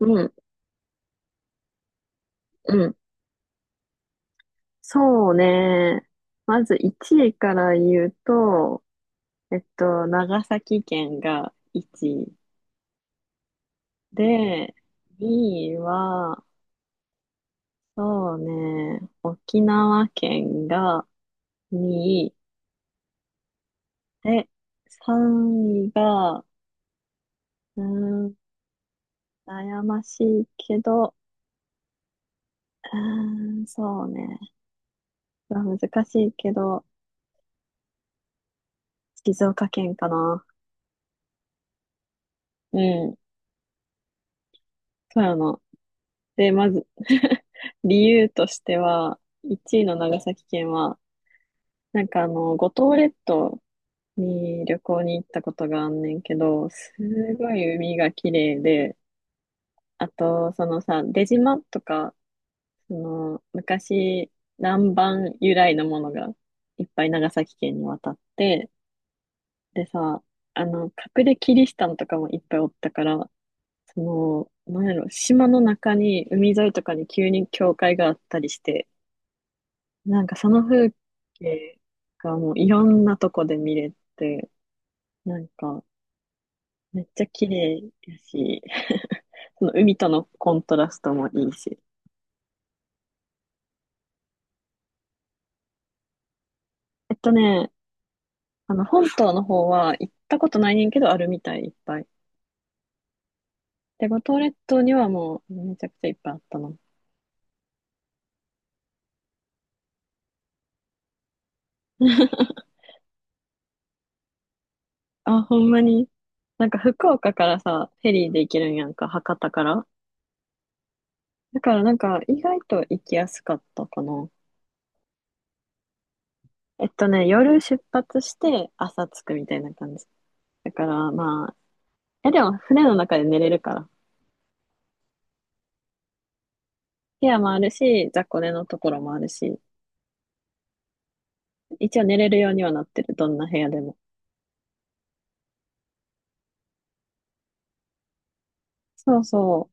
うん、うん。そうね。まず1位から言うと、長崎県が1位で、2位は、そうね、沖縄県が2位で、3位が、うーん、悩ましいけど、そうね、難しいけど、静岡県かな。うん、富山で、まず、理由としては、1位の長崎県は、なんか五島列島に旅行に行ったことがあんねんけど、すごい海が綺麗で、あと、そのさ、出島とか、その、昔、南蛮由来のものがいっぱい長崎県に渡って、でさ、あの、隠れキリシタンとかもいっぱいおったから、その、なんやろ、島の中に、海沿いとかに急に教会があったりして、なんかその風景がもういろんなとこで見れて、なんかめっちゃ綺麗やし、その海とのコントラストもいいし。えっとね、あの本島の方は行ったことないねんけどあるみたいいっぱい。で、五島列島にはもうめちゃくちゃいっぱいあったの。あ、ほんまに。なんか福岡からさ、フェリーで行けるんやんか、博多から。だからなんか意外と行きやすかったかな。夜出発して朝着くみたいな感じ。だからまえ、でも船の中で寝れるから。部屋もあるし、雑魚寝のところもあるし、一応寝れるようにはなってる、どんな部屋でも。そうそう。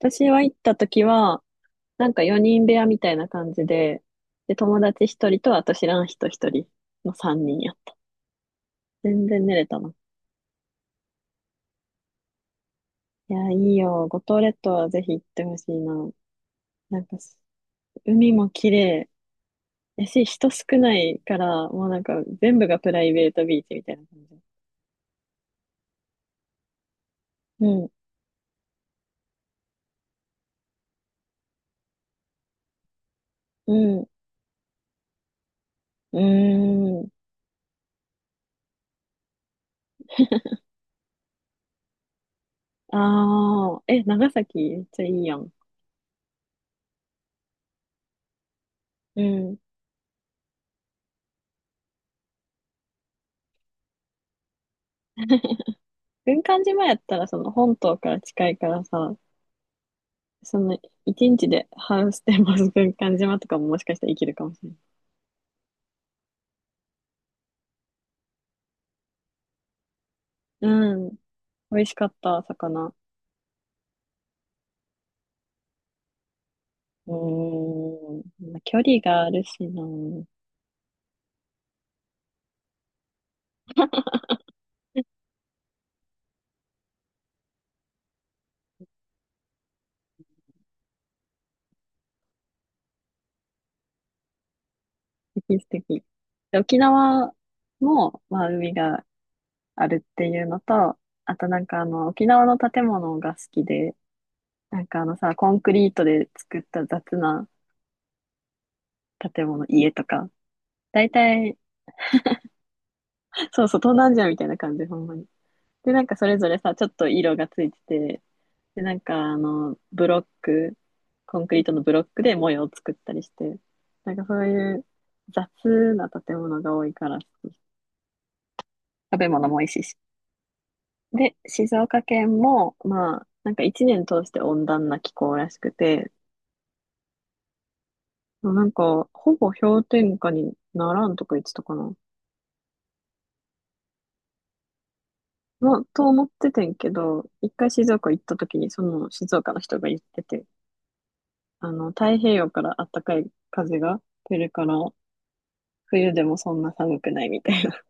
私は行った時は、なんか4人部屋みたいな感じで、で、友達1人と、あと知らん人1人の3人やった。全然寝れたな。いや、いいよ。五島列島はぜひ行ってほしいな。なんかす、海も綺麗やし、人少ないから、もうなんか全部がプライベートビーチみたいな感じ。うん、うん、うーん。ああ、え、長崎めっちゃいいやん。うん。軍艦島やったらその本島から近いからさ、その一日でハウステンボス軍艦島とかももしかしたら生きるかもしれない。うん。美味しかった、魚。うーん。まあ、距離があるしな。素敵素敵。で、沖縄も、まあ、海があるっていうのと、あとなんか沖縄の建物が好きで、なんかあのさ、コンクリートで作った雑な建物、家とか、大体、そうそう、東南アジアみたいな感じ、ほんまに。で、なんかそれぞれさ、ちょっと色がついてて、で、なんかブロック、コンクリートのブロックで模様を作ったりして、なんかそういう雑な建物が多いから好き、食べ物も美味しいし。で、静岡県も、まあ、なんか一年通して温暖な気候らしくて、もうなんか、ほぼ氷点下にならんとか言ってたかな。まあ、と思っててんけど、一回静岡行った時にその静岡の人が言ってて、太平洋から暖かい風が来るから、冬でもそんな寒くないみたいな。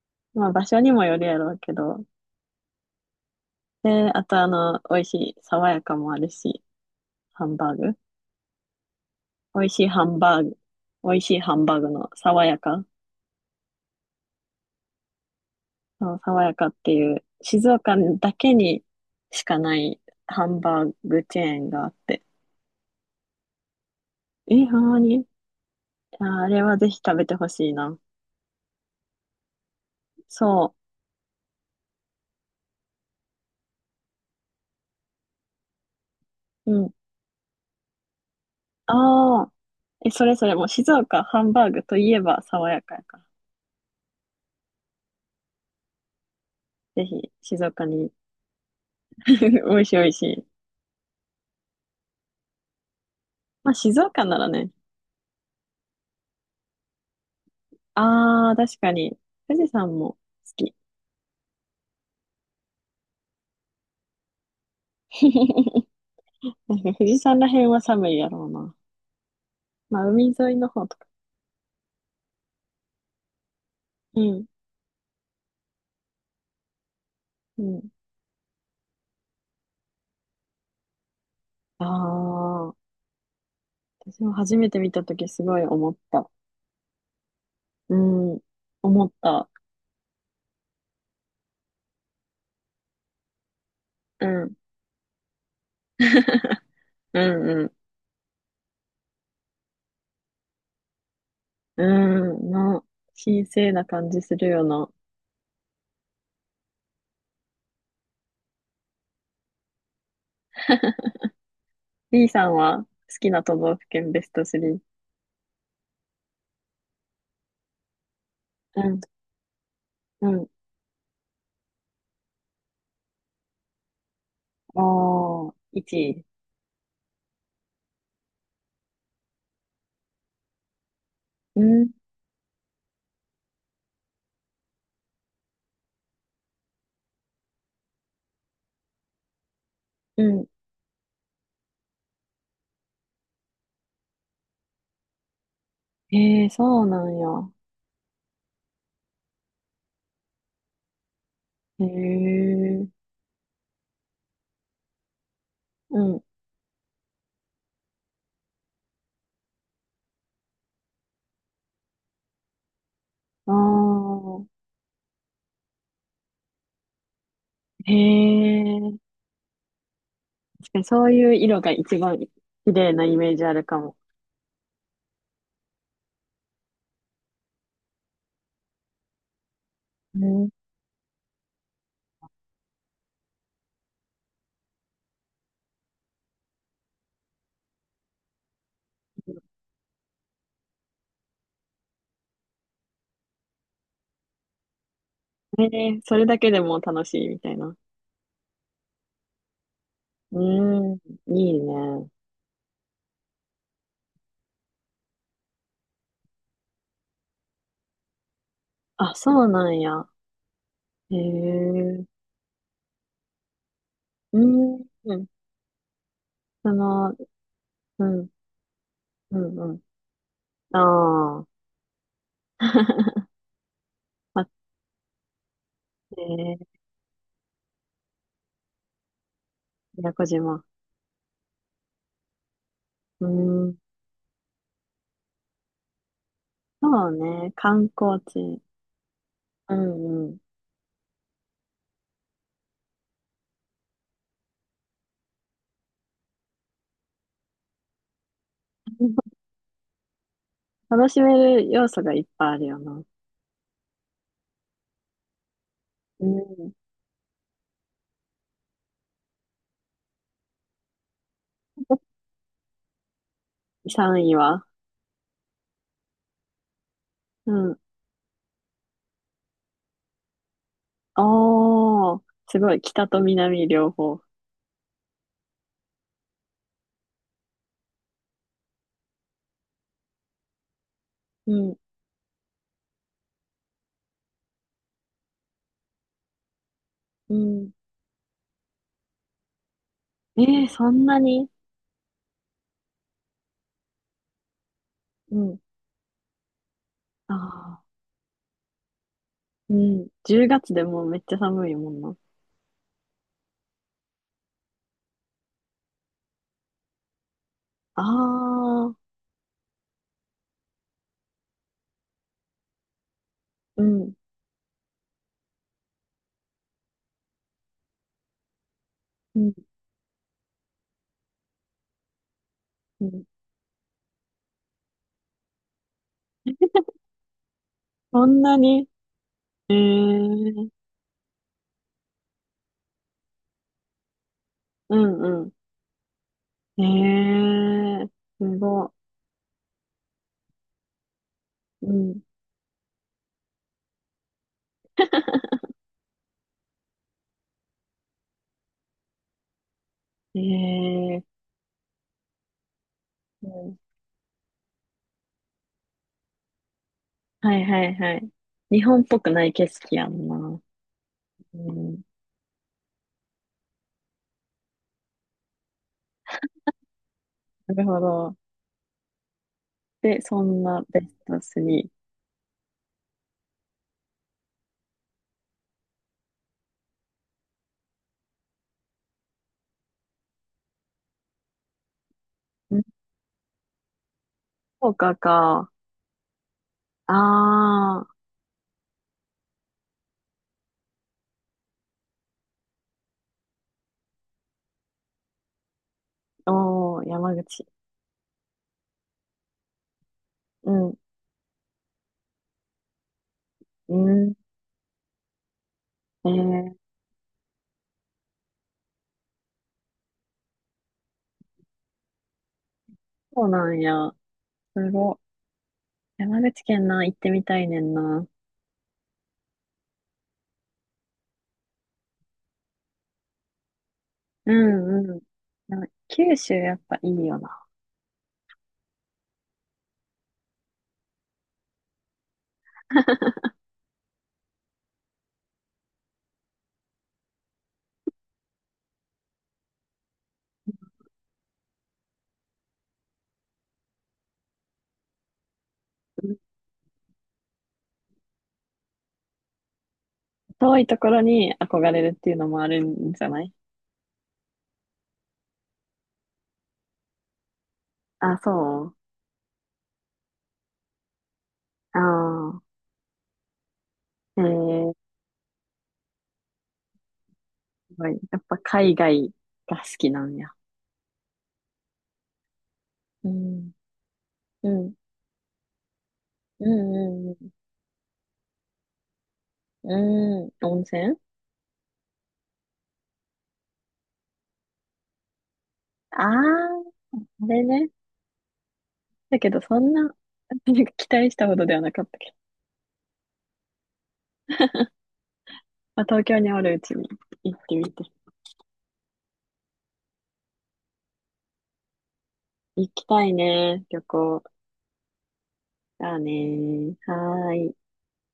まあ場所にもよるやろうけど。で、あと美味しい、爽やかもあるし、ハンバーグ。美味しいハンバーグ。美味しいハンバーグの爽やか。そう爽やかっていう、静岡だけにしかないハンバーグチェーンがあって。え、ほんまにああれはぜひ食べてほしいな。そう。うん。ああ。え、それもう静岡ハンバーグといえば爽やかやから。ぜひ静岡に。美味しい美味しい。まあ静岡ならね。ああ、確かに。富士山も好き。なんか富士山ら辺は寒いやろうな。まあ海沿いの方とか。うん。うん。ああ、私も初めて見た時すごい思った。うん。思った。うん。うんうん。うん。神聖な感じするよな。B さんは好きな都道府県ベスト3。うん、うん。ああ、1位。うん、うん。へえ、そうなんや。へえ、うん。ああ、へえ。確かにそういう色が一番綺麗なイメージあるかも。うん。へえ、それだけでも楽しいみたいな。うん、いいね。あ、そうなんや。へえ、うん、うん。その、うん、うん、うん。ああ。えー、宮古島。うーん、そうね、観光地。うんうん。楽しめる要素がいっぱいあるよな。うん。3位は。うん。おー、すごい。北と南両方。うん、うん。えー、そんなに。うん。ああ、うん。10月でもうめっちゃ寒いもんな。ああ、うん、うん、うん。そんなに、ええー、うん、うん。ええー、すごい。うん。ええ、うん、はいはいはい。日本っぽくない景色やんな。うん、なるほど。で、そんなベスト3。うん。福岡か。ああ、おー、山口。うん、うん。ええ、そうなんや。すご。山口県な、行ってみたいねんな。うんうん。でも九州やっぱいいよな。うん。遠いところに憧れるっていうのもあるんじゃない？あ、そう。ああー、ええごい。やっぱ海外が好きなんや。うん、うん、うん、うん、うん、うん。温泉。ああー、あれね。だけどそんな、なんか期待したほどではなかったけど。まあ、東京におるうちに行ってみて。行きたいね、旅行。だね。はーい。